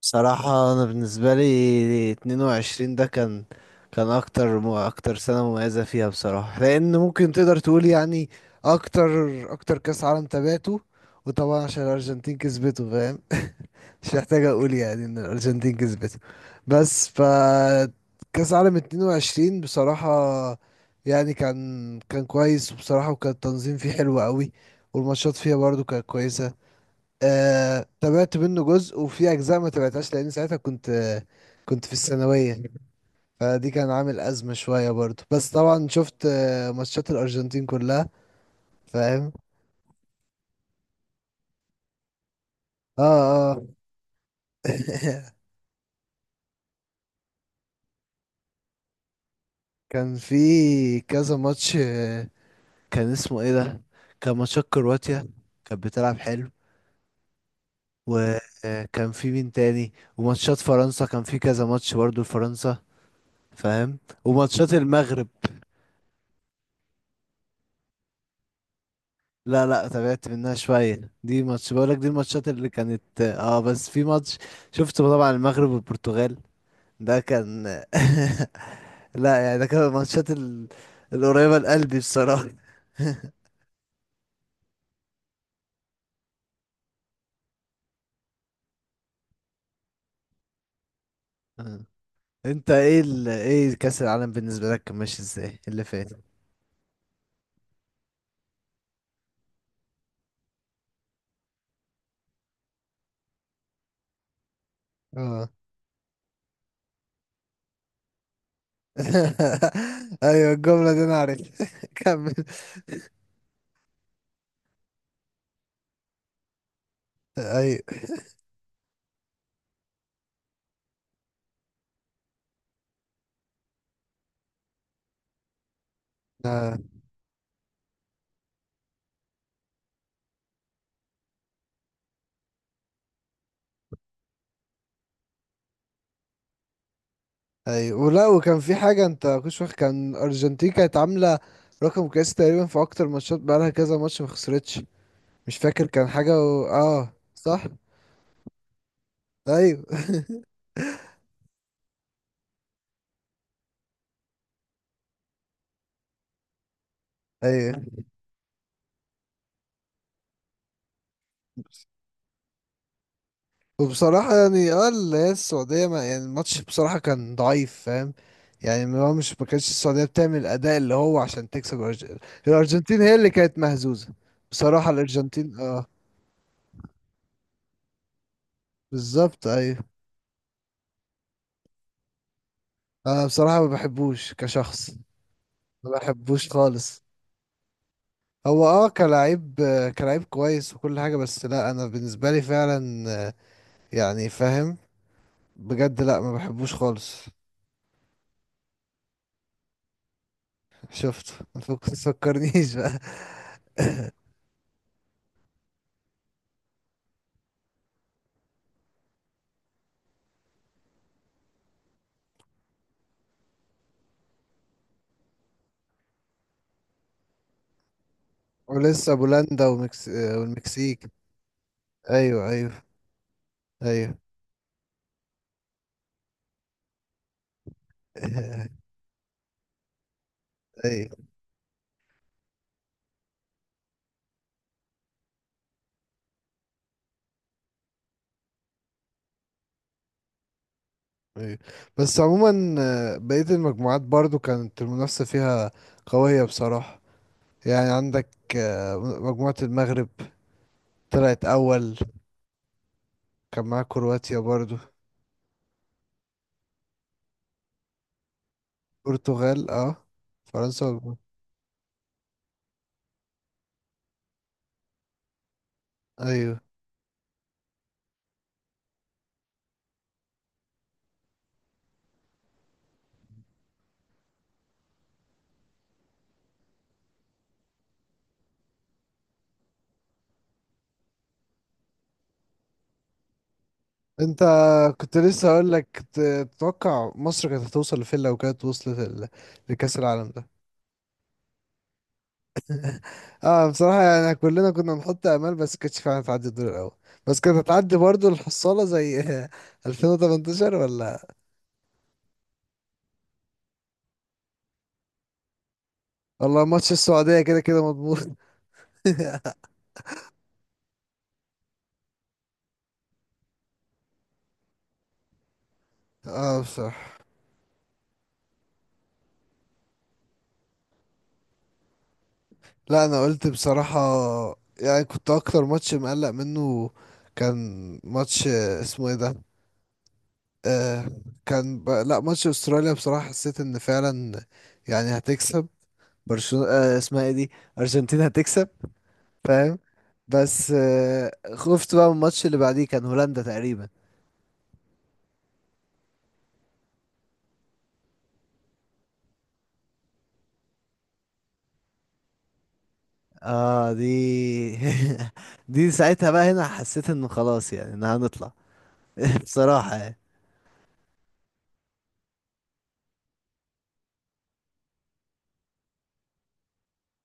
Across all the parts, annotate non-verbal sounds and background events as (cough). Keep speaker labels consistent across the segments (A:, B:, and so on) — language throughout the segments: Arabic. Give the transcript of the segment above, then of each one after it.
A: صراحة أنا بالنسبة لي اتنين وعشرين ده كان أكتر أكتر سنة مميزة فيها بصراحة، لأن ممكن تقدر تقول يعني أكتر أكتر كأس عالم تابعته. وطبعا عشان الأرجنتين كسبته فاهم. (laughs) مش محتاج أقول يعني إن الأرجنتين كسبته. بس ف كأس عالم اتنين وعشرين بصراحة يعني كان كويس، وبصراحة وكان التنظيم فيه حلو قوي، والماتشات فيها برضو كانت كويسة. تابعت منه جزء وفي اجزاء ما تابعتهاش، لان ساعتها كنت كنت في الثانويه. فدي كان عامل ازمه شويه برضو، بس طبعا شفت ماتشات الارجنتين كلها فاهم. اه اه. (laughs) كان في كذا ماتش كان اسمه ايه ده؟ كان ماتشات كرواتيا، كانت بتلعب حلو. وكان في مين تاني؟ وماتشات فرنسا، كان في كذا ماتش برضو لفرنسا فاهم. وماتشات المغرب. لا تابعت منها شوية، دي ماتش بقولك دي الماتشات اللي كانت اه، بس في ماتش شفته طبعا المغرب والبرتغال. ده كان… (laughs) لا يعني ده كان الماتشات القريبة لقلبي بصراحة. (laughs) آه. انت ايه ايه كأس العالم بالنسبة لك كان ماشي ازاي اللي فات؟ اه. (laughs) ايوه الجملة دي انا عارف. (laughs) كمل. ايوه ايوه. ولا وكان في حاجة انت كنتش واخد، كان ارجنتين كانت عاملة رقم قياسي تقريبا في اكتر ماتشات، بقالها كذا ماتش ما خسرتش مش فاكر، كان حاجة اه صح. ايوه. (laughs) ايوه. وبصراحة يعني اه اللي هي السعودية ما يعني الماتش بصراحة كان ضعيف فاهم. يعني ما هو مش ما كانتش السعودية بتعمل الأداء اللي هو عشان تكسب الأرجنتين هي اللي كانت مهزوزة. بصراحة الأرجنتين اه. بالظبط أيوه. أنا بصراحة ما بحبوش كشخص، ما بحبوش خالص. هو اه كلاعب، كلاعب كويس وكل حاجة، بس لا انا بالنسبة لي فعلا يعني فاهم. بجد لا ما بحبوش خالص. شفته. ما تفكرنيش بقى. (laughs) ولسه بولندا ومكس... آه، والمكسيك. ايوه ايوه. ايوه. (laughs) ايوه ايوه. بس عموما بقية المجموعات برضو كانت المنافسة فيها قوية بصراحة. يعني عندك مجموعة المغرب طلعت اول، كان معاها كرواتيا برضو. برتغال اه، فرنسا ايوه. انت كنت لسه هقول لك تتوقع مصر كانت هتوصل لفين لو كانت وصلت لكأس العالم ده؟ اه بصراحة يعني كلنا كنا نحط امال، بس كانتش فعلا هتعدي الدور الاول، بس كانت هتعدي برضو الحصالة زي (laughs) 2018 ولا ولا والله ماتش السعودية كده كده مضمون. (laughs) اه بصراحة. لا انا قلت بصراحة يعني كنت اكتر ماتش مقلق منه كان ماتش اسمه ايه ده، آه كان لا ماتش استراليا بصراحة حسيت ان فعلا يعني هتكسب برشلونة آه اسمها ايه دي، ارجنتين هتكسب فاهم. بس آه خفت بقى من الماتش اللي بعديه، كان هولندا تقريبا. اه (laughs) دي ساعتها بقى هنا حسيت انه خلاص يعني ان هنطلع. (laughs) بصراحة يعني.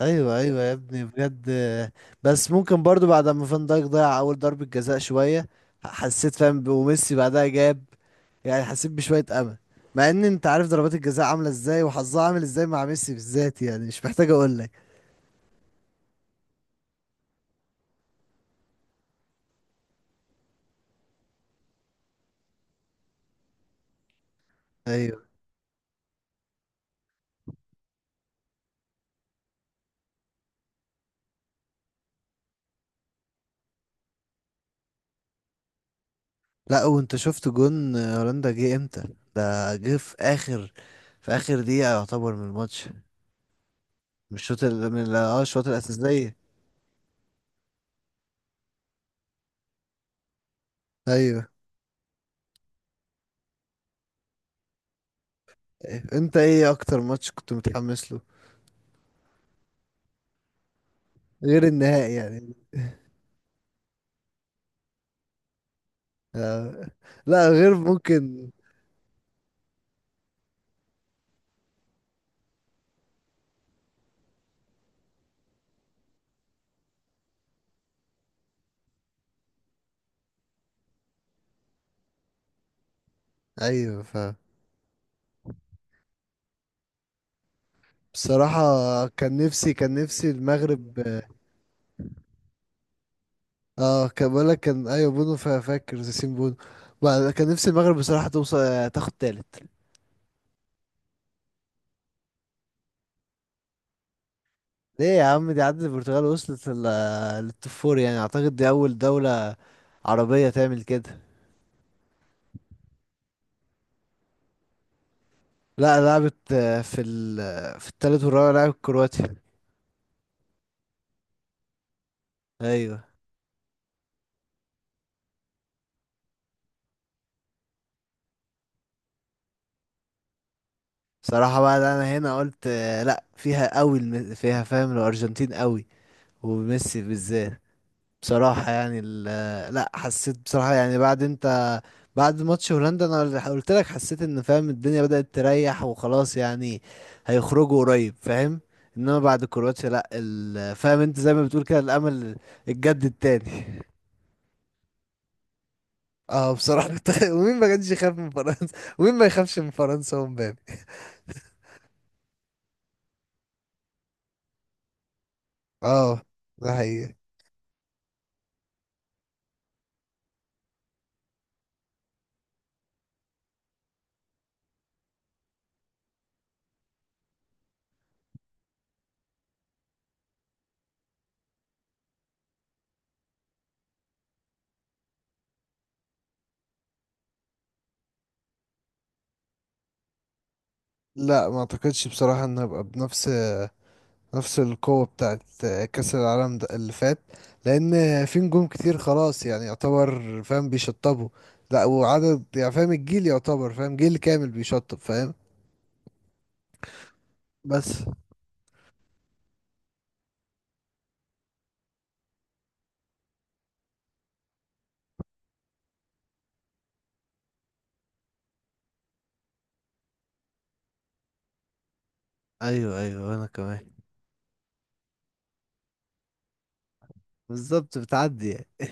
A: ايوه ايوه يا ابني بجد. بس ممكن برضو بعد ما فان دايك ضيع اول ضربة جزاء شوية، حسيت فاهم، وميسي بعدها جاب يعني حسيت بشوية امل، مع ان انت عارف ضربات الجزاء عاملة ازاي وحظها عامل ازاي مع ميسي بالذات، يعني مش محتاج اقول لك. ايوه. لا وانت شفت جون هولندا جه امتى؟ ده جه في اخر، في اخر دقيقة يعتبر من الماتش، مش الشوط ال- من ال- اه الشوط الاساسية. ايوه. أيوة. انت ايه اكتر ماتش كنت متحمس له غير النهائي يعني؟ آه، لا غير ممكن. ايوه ف بصراحة كان نفسي المغرب. اه كان بقولك كان ايوه بونو، فاكر ياسين بونو؟ كان نفسي المغرب بصراحة توصل تاخد تالت. ليه يا عم؟ دي عدت البرتغال، وصلت للتوب فور، يعني اعتقد دي اول دولة عربية تعمل كده. لا لعبت في في التالت والرابع لعبت كرواتيا. ايوه. صراحة بقى ده انا هنا قلت لا فيها قوي فيها فاهم الارجنتين قوي وميسي بالذات. بصراحة يعني لا حسيت بصراحة يعني بعد انت، بعد ماتش هولندا انا قلت لك حسيت ان فاهم الدنيا بدأت تريح وخلاص يعني هيخرجوا قريب فاهم. انما بعد كرواتيا لا فاهم انت زي ما بتقول كده الامل اتجدد تاني. اه بصراحة كنت. (laughs) ومين ما كانش يخاف من فرنسا؟ ومين ما يخافش من فرنسا ومبابي؟ اه ده حقيقي. لا ما اعتقدش بصراحة ان هبقى بنفس القوة بتاعت كأس العالم ده اللي فات، لأن في نجوم كتير خلاص يعني يعتبر فاهم بيشطبوا. لا وعدد يعني فاهم الجيل يعتبر فاهم جيل كامل بيشطب فاهم. بس. ايوه ايوه انا كمان. بالظبط بتعدي يعني.